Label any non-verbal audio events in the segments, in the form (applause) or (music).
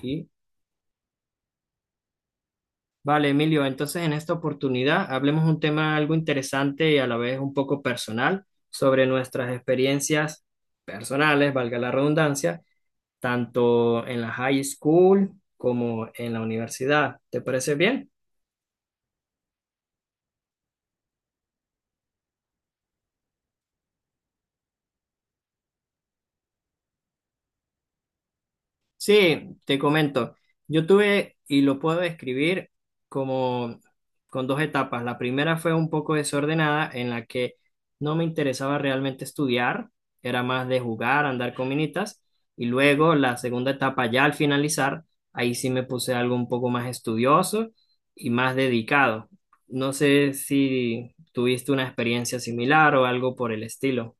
Sí. Vale, Emilio, entonces en esta oportunidad hablemos un tema algo interesante y a la vez un poco personal sobre nuestras experiencias personales, valga la redundancia, tanto en la high school como en la universidad. ¿Te parece bien? Sí, te comento. Yo tuve, y lo puedo describir como con dos etapas. La primera fue un poco desordenada, en la que no me interesaba realmente estudiar, era más de jugar, andar con minitas. Y luego la segunda etapa, ya al finalizar, ahí sí me puse algo un poco más estudioso y más dedicado. No sé si tuviste una experiencia similar o algo por el estilo.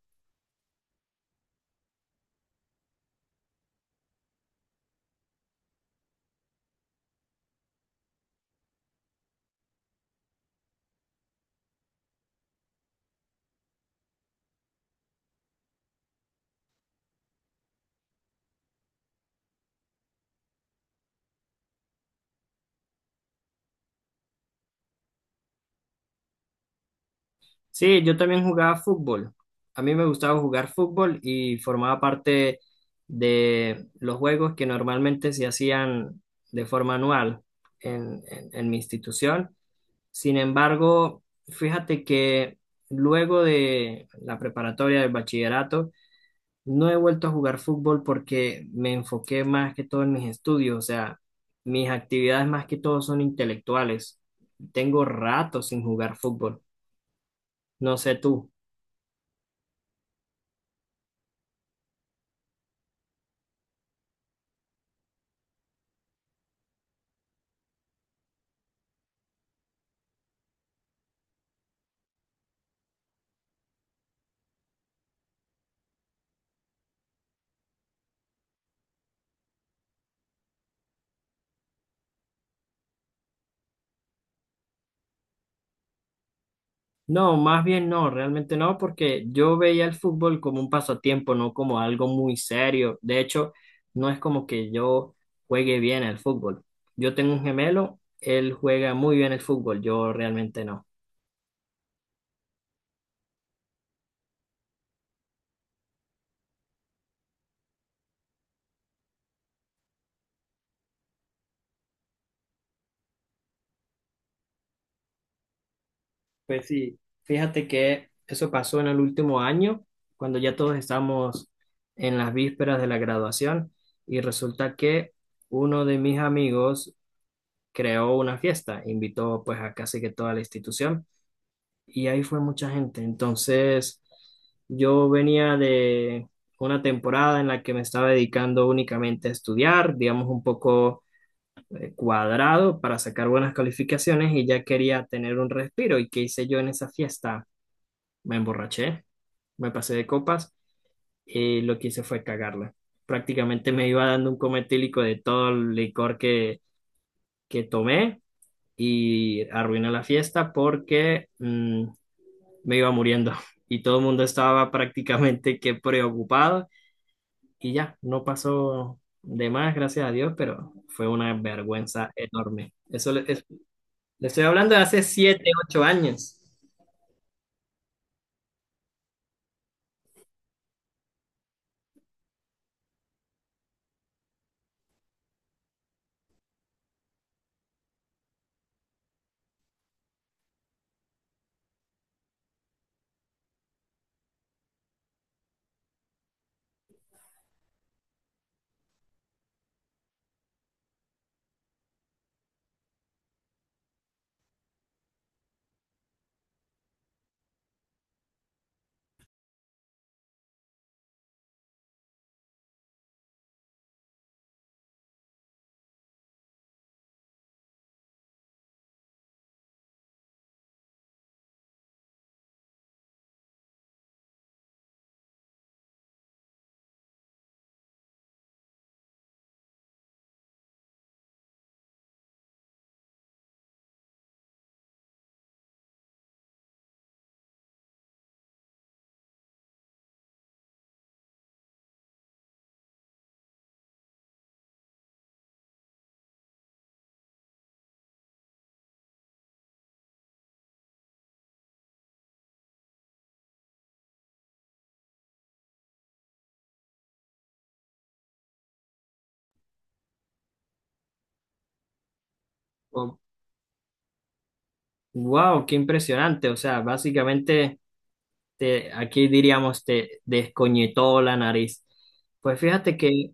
Sí, yo también jugaba fútbol. A mí me gustaba jugar fútbol y formaba parte de los juegos que normalmente se hacían de forma anual en mi institución. Sin embargo, fíjate que luego de la preparatoria del bachillerato, no he vuelto a jugar fútbol porque me enfoqué más que todo en mis estudios. O sea, mis actividades más que todo son intelectuales. Tengo rato sin jugar fútbol. No sé tú. No, más bien no, realmente no, porque yo veía el fútbol como un pasatiempo, no como algo muy serio. De hecho, no es como que yo juegue bien al fútbol. Yo tengo un gemelo, él juega muy bien el fútbol, yo realmente no. Pues sí, fíjate que eso pasó en el último año, cuando ya todos estamos en las vísperas de la graduación, y resulta que uno de mis amigos creó una fiesta, invitó pues a casi que toda la institución. Y ahí fue mucha gente. Entonces, yo venía de una temporada en la que me estaba dedicando únicamente a estudiar, digamos un poco cuadrado para sacar buenas calificaciones y ya quería tener un respiro. ¿Y qué hice yo en esa fiesta? Me emborraché, me pasé de copas y lo que hice fue cagarla. Prácticamente me iba dando un coma etílico de todo el licor que tomé y arruiné la fiesta porque me iba muriendo y todo el mundo estaba prácticamente que preocupado y ya, no pasó de más, gracias a Dios, pero fue una vergüenza enorme. Le estoy hablando de hace 7, 8 años. Oh, wow, qué impresionante. O sea, básicamente te, aquí diríamos te descoñetó la nariz. Pues fíjate que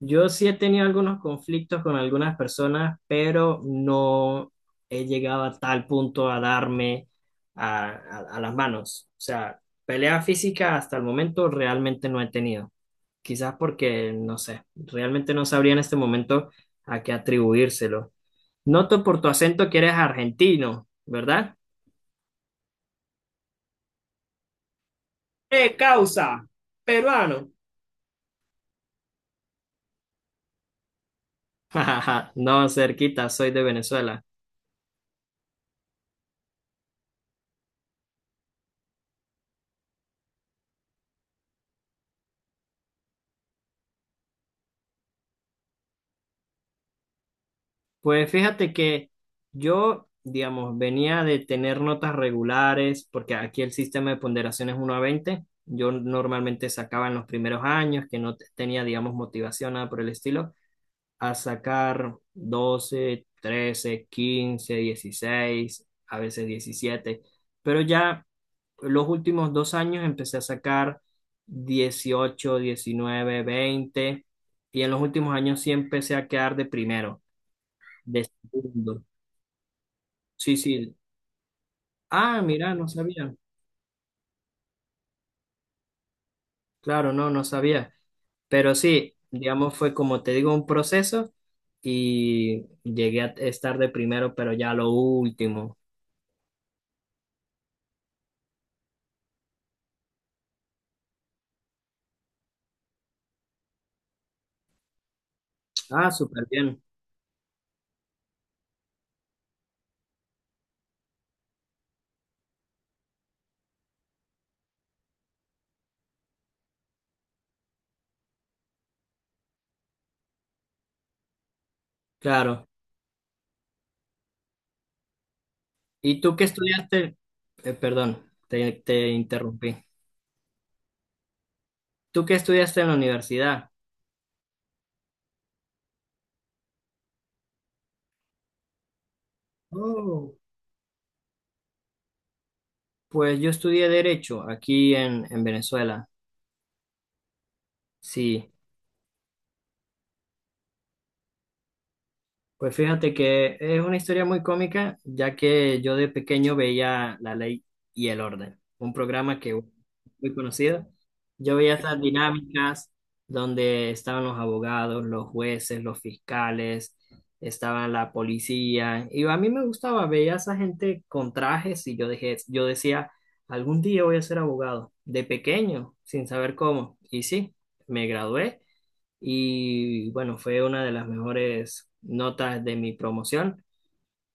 yo sí he tenido algunos conflictos con algunas personas, pero no he llegado a tal punto a darme a las manos. O sea, pelea física hasta el momento realmente no he tenido. Quizás porque, no sé, realmente no sabría en este momento a qué atribuírselo. Noto por tu acento que eres argentino, ¿verdad? (laughs) ¡Eh, causa! Peruano. (laughs) No, cerquita, soy de Venezuela. Pues fíjate que yo, digamos, venía de tener notas regulares, porque aquí el sistema de ponderación es 1 a 20. Yo normalmente sacaba en los primeros años, que no tenía, digamos, motivación, nada por el estilo, a sacar 12, 13, 15, 16, a veces 17. Pero ya los últimos 2 años empecé a sacar 18, 19, 20 y en los últimos años sí empecé a quedar de primero. De segundo. Sí, sí. Ah, mira, no sabía. Claro, no, no sabía. Pero sí, digamos, fue como te digo, un proceso y llegué a estar de primero, pero ya lo último. Ah, súper bien. Claro. ¿Y tú qué estudiaste? Perdón, te interrumpí. ¿Tú qué estudiaste en la universidad? Oh, pues yo estudié Derecho aquí en Venezuela. Sí. Pues fíjate que es una historia muy cómica, ya que yo de pequeño veía La Ley y el Orden, un programa que muy conocido. Yo veía esas dinámicas donde estaban los abogados, los jueces, los fiscales, estaban la policía, y a mí me gustaba, veía a esa gente con trajes y yo dejé, yo decía, algún día voy a ser abogado, de pequeño, sin saber cómo. Y sí, me gradué y bueno, fue una de las mejores notas de mi promoción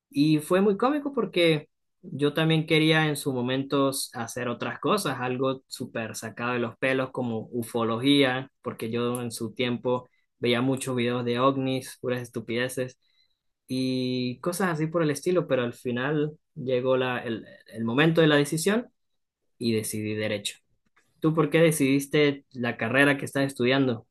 y fue muy cómico porque yo también quería en su momento hacer otras cosas, algo súper sacado de los pelos como ufología, porque yo en su tiempo veía muchos videos de ovnis, puras estupideces y cosas así por el estilo, pero al final llegó el momento de la decisión y decidí derecho. ¿Tú por qué decidiste la carrera que estás estudiando?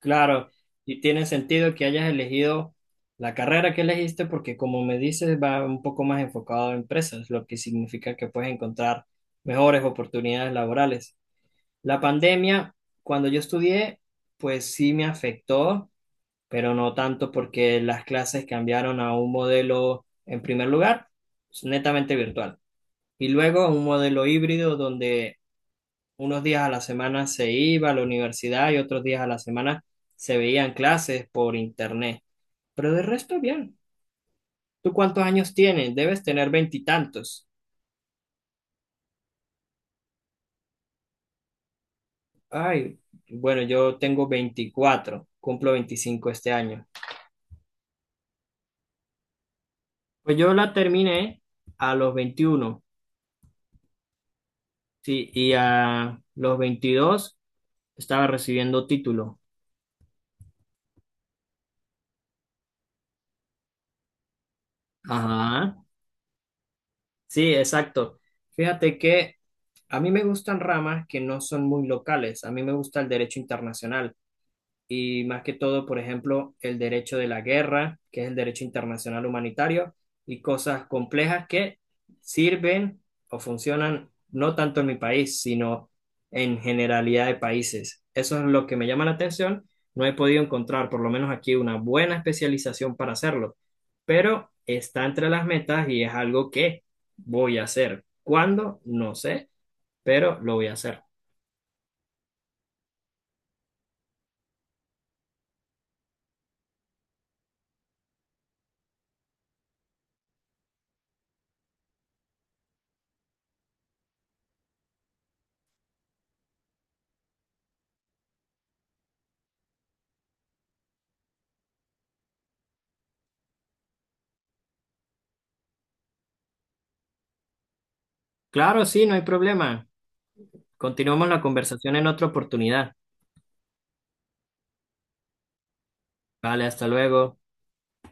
Claro, y tiene sentido que hayas elegido la carrera que elegiste porque como me dices va un poco más enfocado a empresas, lo que significa que puedes encontrar mejores oportunidades laborales. La pandemia, cuando yo estudié, pues sí me afectó, pero no tanto porque las clases cambiaron a un modelo, en primer lugar, netamente virtual, y luego a un modelo híbrido donde unos días a la semana se iba a la universidad y otros días a la semana se veían clases por internet. Pero de resto, bien. ¿Tú cuántos años tienes? Debes tener veintitantos. Ay, bueno, yo tengo 24, cumplo 25 este año. Pues yo la terminé a los 21, sí, y a los 22 estaba recibiendo título. Ajá, sí, exacto. Fíjate que a mí me gustan ramas que no son muy locales. A mí me gusta el derecho internacional y más que todo, por ejemplo, el derecho de la guerra, que es el derecho internacional humanitario, y cosas complejas que sirven o funcionan no tanto en mi país, sino en generalidad de países. Eso es lo que me llama la atención. No he podido encontrar, por lo menos aquí, una buena especialización para hacerlo, pero está entre las metas y es algo que voy a hacer. ¿Cuándo? No sé, pero lo voy a hacer. Claro, sí, no hay problema. Continuamos la conversación en otra oportunidad. Vale, hasta luego.